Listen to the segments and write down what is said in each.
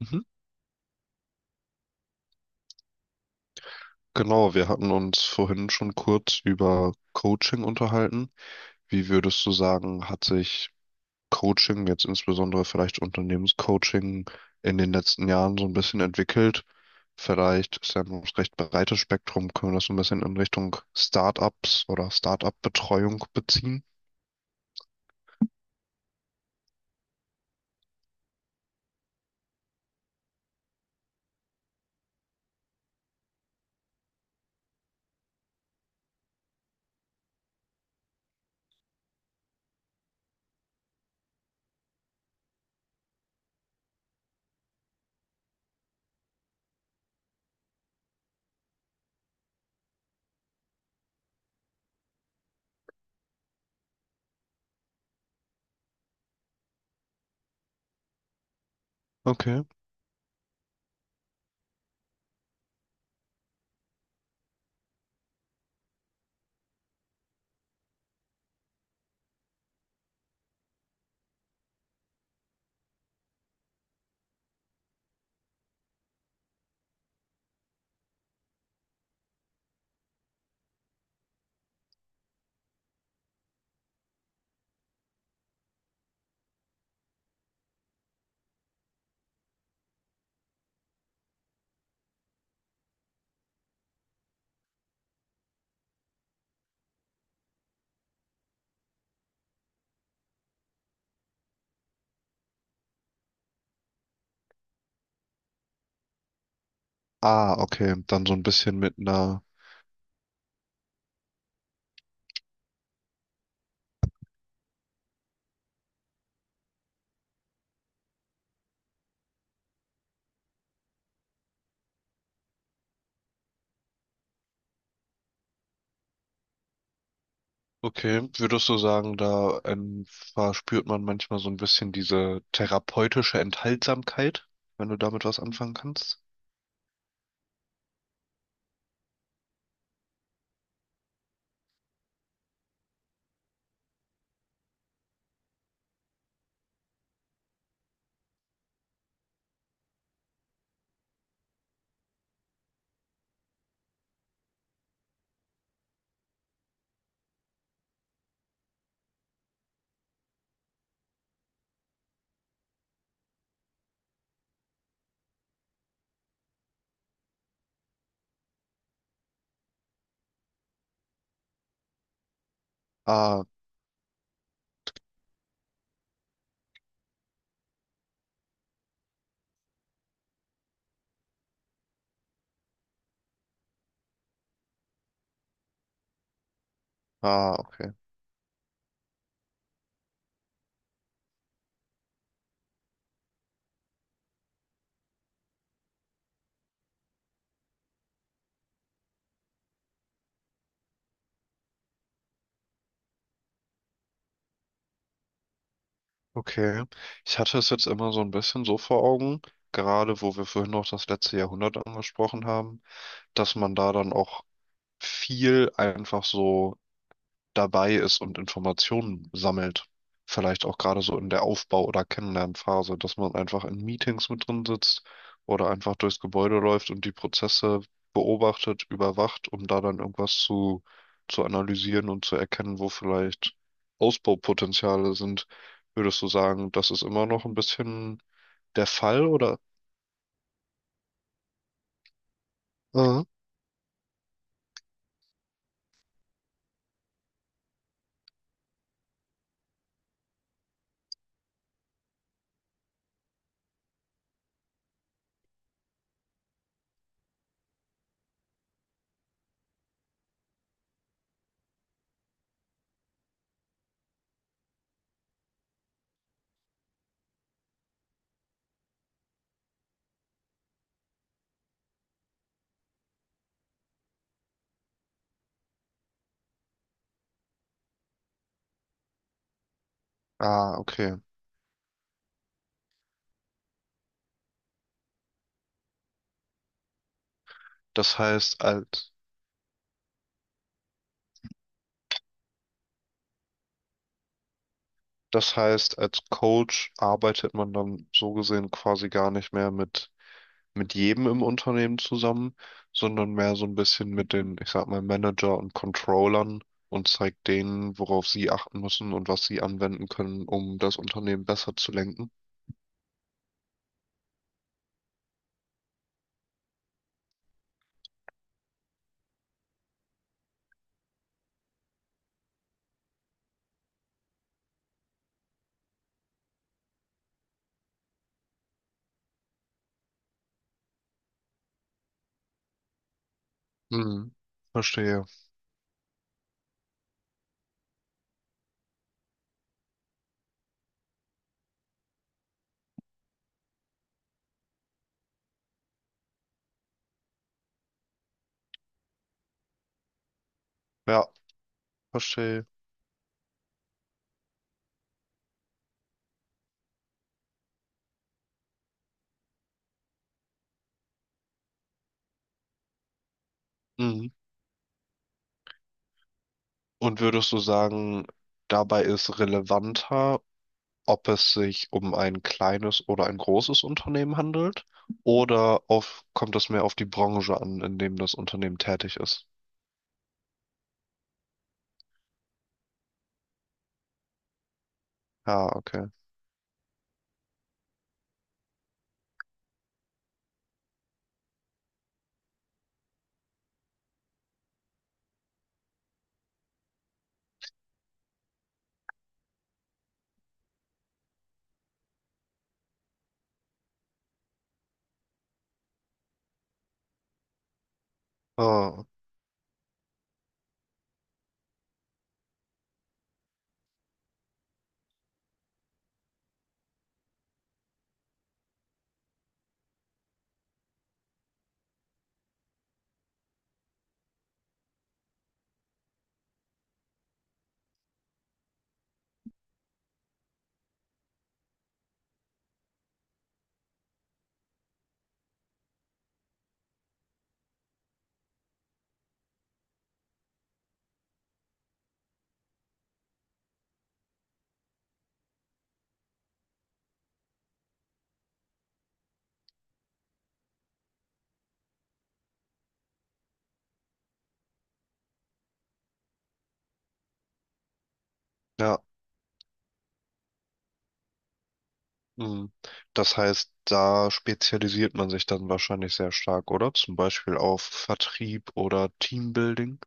Mhm. Genau, wir hatten uns vorhin schon kurz über Coaching unterhalten. Wie würdest du sagen, hat sich Coaching, jetzt insbesondere vielleicht Unternehmenscoaching, in den letzten Jahren so ein bisschen entwickelt? Vielleicht ist ja ein recht breites Spektrum, können wir das so ein bisschen in Richtung Startups oder Startup-Betreuung beziehen? Okay. Ah, okay, dann so ein bisschen mit einer. Okay, würdest du sagen, da verspürt man manchmal so ein bisschen diese therapeutische Enthaltsamkeit, wenn du damit was anfangen kannst? Ah, ah, okay. Okay. Ich hatte es jetzt immer so ein bisschen so vor Augen, gerade wo wir vorhin noch das letzte Jahrhundert angesprochen haben, dass man da dann auch viel einfach so dabei ist und Informationen sammelt. Vielleicht auch gerade so in der Aufbau- oder Kennenlernphase, dass man einfach in Meetings mit drin sitzt oder einfach durchs Gebäude läuft und die Prozesse beobachtet, überwacht, um da dann irgendwas zu analysieren und zu erkennen, wo vielleicht Ausbaupotenziale sind. Würdest du sagen, das ist immer noch ein bisschen der Fall, oder? Mhm. Ah, okay. Das heißt, als. Das heißt, als Coach arbeitet man dann so gesehen quasi gar nicht mehr mit jedem im Unternehmen zusammen, sondern mehr so ein bisschen mit den, ich sag mal, Manager und Controllern und zeigt denen, worauf sie achten müssen und was sie anwenden können, um das Unternehmen besser zu lenken. Mhm. Verstehe. Ja, verstehe. Mhm. Und würdest du sagen, dabei ist relevanter, ob es sich um ein kleines oder ein großes Unternehmen handelt oder auf, kommt es mehr auf die Branche an, in dem das Unternehmen tätig ist? Ah, okay. Ah, ja. Hm. Das heißt, da spezialisiert man sich dann wahrscheinlich sehr stark, oder? Zum Beispiel auf Vertrieb oder Teambuilding.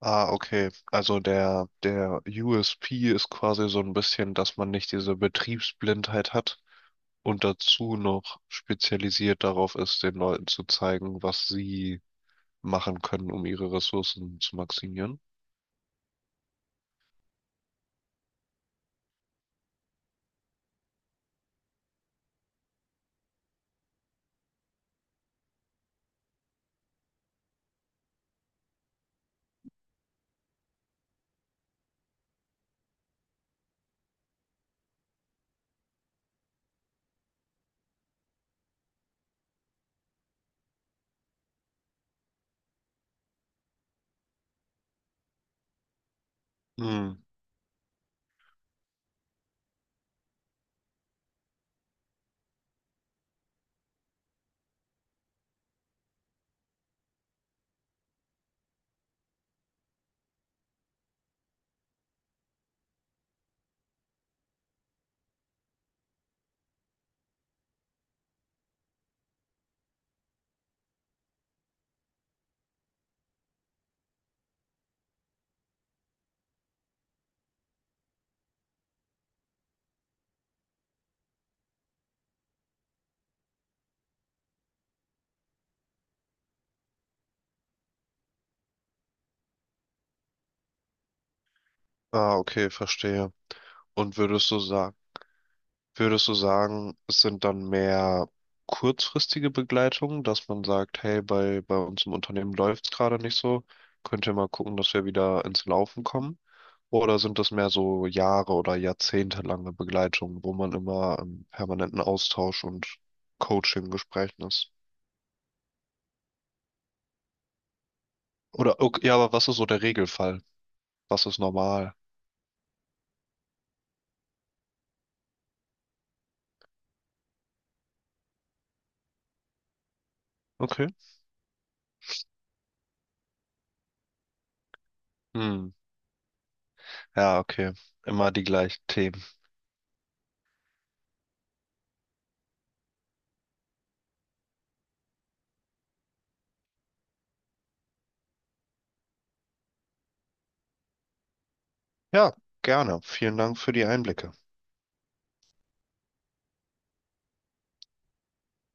Ah, okay. Also der USP ist quasi so ein bisschen, dass man nicht diese Betriebsblindheit hat, und dazu noch spezialisiert darauf ist, den Leuten zu zeigen, was sie machen können, um ihre Ressourcen zu maximieren. Hm. Ah, okay, verstehe. Und würdest du sagen, würdest du sagen, es sind dann mehr kurzfristige Begleitungen, dass man sagt, hey, bei uns im Unternehmen läuft es gerade nicht so, könnt ihr mal gucken, dass wir wieder ins Laufen kommen? Oder sind das mehr so Jahre oder jahrzehntelange Begleitungen, wo man immer im permanenten Austausch und Coaching-Gesprächen ist? Oder, okay, ja, aber was ist so der Regelfall? Was ist normal? Okay. Hm. Ja, okay. Immer die gleichen Themen. Ja, gerne. Vielen Dank für die Einblicke.